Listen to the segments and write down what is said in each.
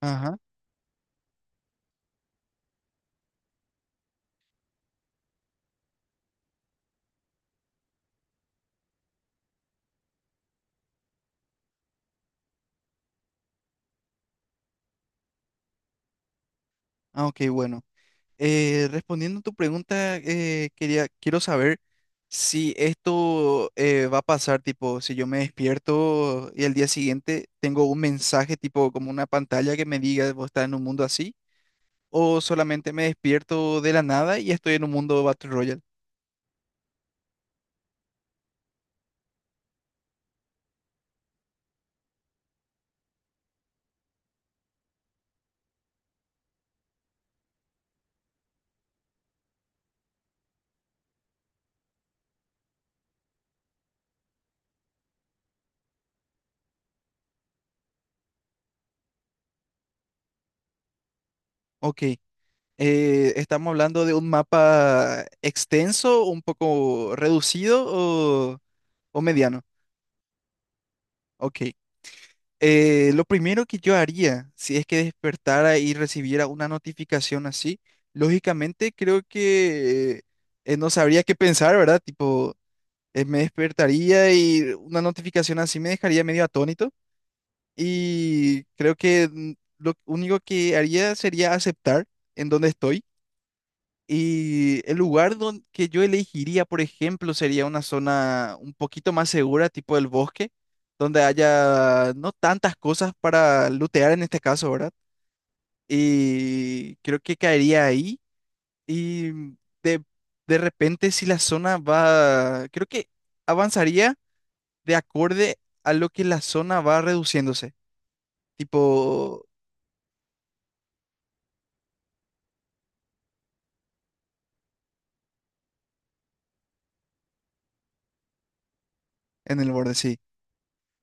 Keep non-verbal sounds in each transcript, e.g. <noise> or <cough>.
Ajá. Ah, ok, bueno. Respondiendo a tu pregunta, quiero saber si esto va a pasar, tipo, si yo me despierto y al día siguiente tengo un mensaje, tipo, como una pantalla que me diga, vos estás en un mundo así, o solamente me despierto de la nada y estoy en un mundo Battle Royale. Ok. ¿Estamos hablando de un mapa extenso, un poco reducido o mediano? Ok. Lo primero que yo haría, si es que despertara y recibiera una notificación así, lógicamente creo que no sabría qué pensar, ¿verdad? Tipo, me despertaría y una notificación así me dejaría medio atónito y creo que, lo único que haría sería aceptar en donde estoy y el lugar donde, que yo elegiría, por ejemplo, sería una zona un poquito más segura, tipo el bosque, donde haya no tantas cosas para lootear en este caso, ¿verdad? Y creo que caería ahí. Y de, de repente, si la zona va, creo que avanzaría de acorde a lo que la zona va reduciéndose, tipo en el borde, sí.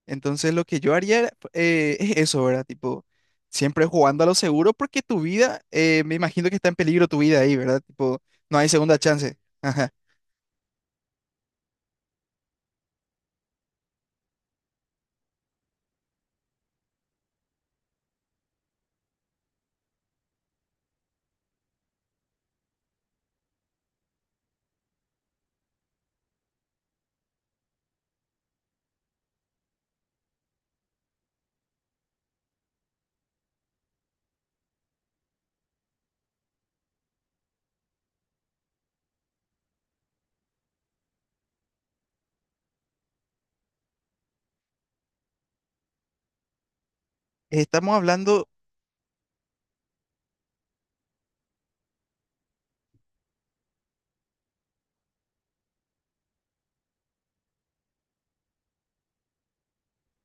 Entonces lo que yo haría era, es eso, ¿verdad? Tipo, siempre jugando a lo seguro porque tu vida, me imagino que está en peligro tu vida ahí, ¿verdad? Tipo, no hay segunda chance. <laughs> Ajá. Estamos hablando,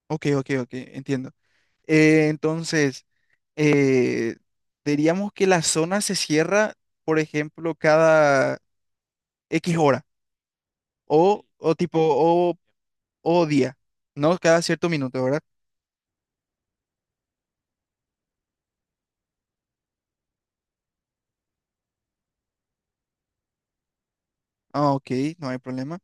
ok, ok, ok, entiendo. Entonces, eh, diríamos que la zona se cierra, por ejemplo, cada X hora o, o tipo, o, o día, ¿no? Cada cierto minuto, ¿verdad? Ah, ok, no hay problema.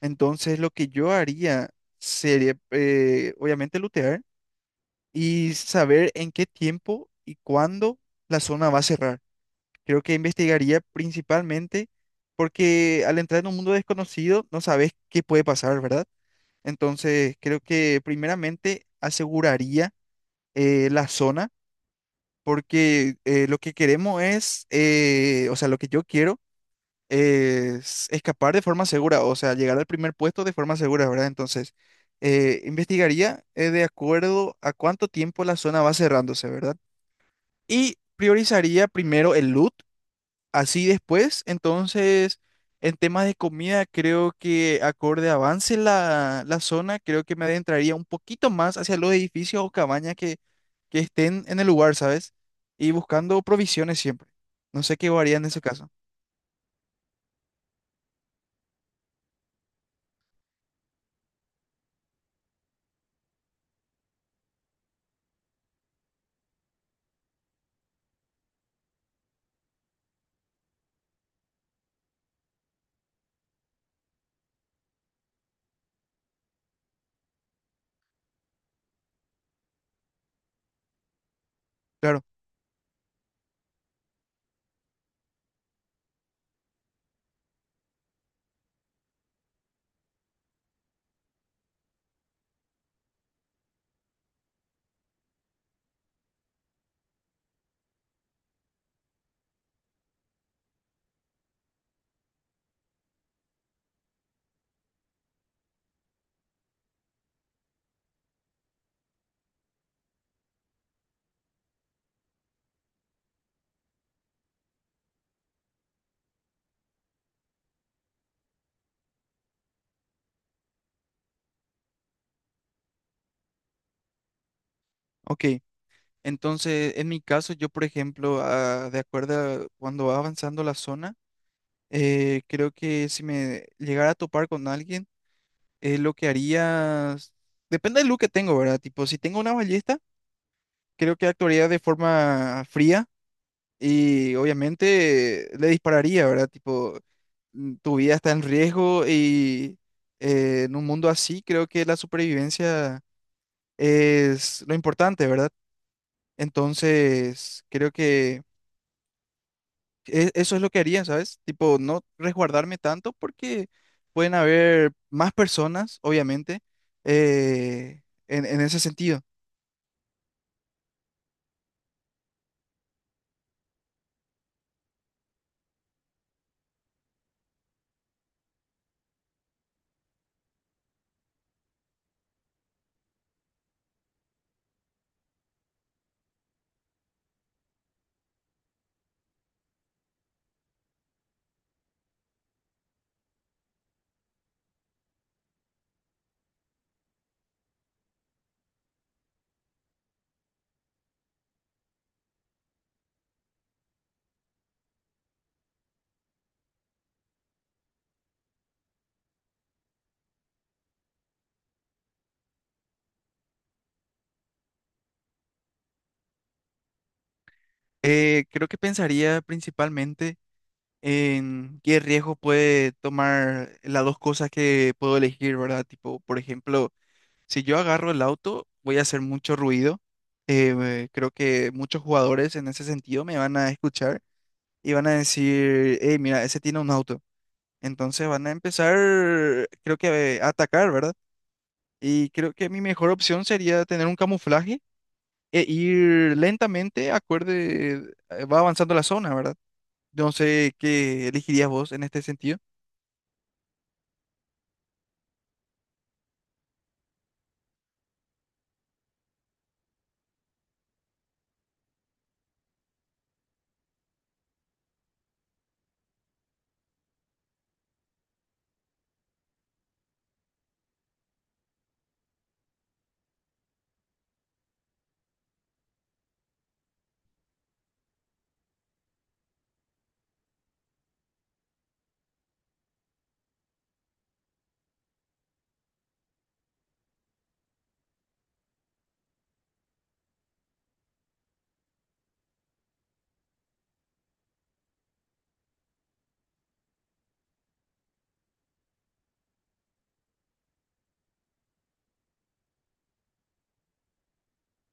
Entonces, lo que yo haría sería, obviamente, lootear y saber en qué tiempo y cuándo la zona va a cerrar. Creo que investigaría principalmente porque al entrar en un mundo desconocido no sabes qué puede pasar, ¿verdad? Entonces, creo que primeramente aseguraría la zona porque lo que queremos es, o sea, lo que yo quiero es escapar de forma segura, o sea, llegar al primer puesto de forma segura, ¿verdad? Entonces, investigaría de acuerdo a cuánto tiempo la zona va cerrándose, ¿verdad? Y priorizaría primero el loot, así después, entonces, en temas de comida, creo que acorde avance la zona, creo que me adentraría un poquito más hacia los edificios o cabañas que estén en el lugar, ¿sabes? Y buscando provisiones siempre. No sé qué haría en ese caso. Claro, ok. Entonces, en mi caso, yo, por ejemplo, ah, de acuerdo a cuando va avanzando la zona, creo que si me llegara a topar con alguien, lo que haría, depende del look que tengo, ¿verdad? Tipo, si tengo una ballesta, creo que actuaría de forma fría y obviamente le dispararía, ¿verdad? Tipo, tu vida está en riesgo y en un mundo así, creo que la supervivencia es lo importante, ¿verdad? Entonces, creo que… eso es lo que haría, ¿sabes? Tipo, no resguardarme tanto porque pueden haber más personas, obviamente, eh, en ese sentido. Creo que pensaría principalmente en qué riesgo puede tomar las dos cosas que puedo elegir, ¿verdad? Tipo, por ejemplo, si yo agarro el auto, voy a hacer mucho ruido. Creo que muchos jugadores en ese sentido me van a escuchar y van a decir, hey, mira, ese tiene un auto. Entonces van a empezar, creo que a atacar, ¿verdad? Y creo que mi mejor opción sería tener un camuflaje e ir lentamente, acorde, va avanzando la zona, ¿verdad? No sé qué elegirías vos en este sentido.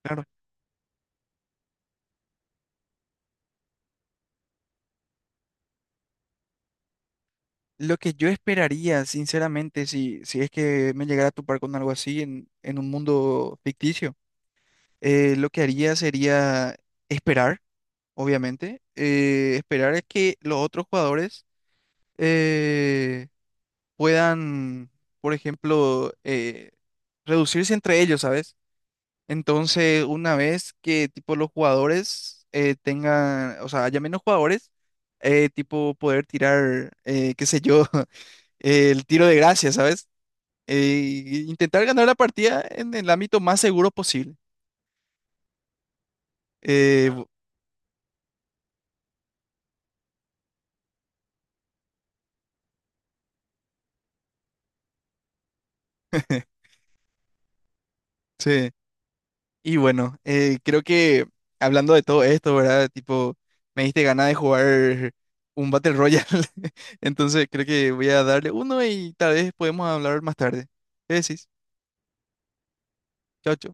Claro. Lo que yo esperaría, sinceramente, si es que me llegara a topar con algo así en un mundo ficticio, lo que haría sería esperar, obviamente, esperar a que los otros jugadores… eh, puedan, por ejemplo, reducirse entre ellos, ¿sabes? Entonces, una vez que tipo los jugadores tengan, o sea, haya menos jugadores, tipo poder tirar, qué sé yo, <laughs> el tiro de gracia, ¿sabes? Intentar ganar la partida en el ámbito más seguro posible. Eh, bu- <laughs> sí. Y bueno, creo que hablando de todo esto, ¿verdad? Tipo, me diste ganas de jugar un Battle Royale. <laughs> Entonces creo que voy a darle uno y tal vez podemos hablar más tarde. ¿Qué decís? Chao, chao.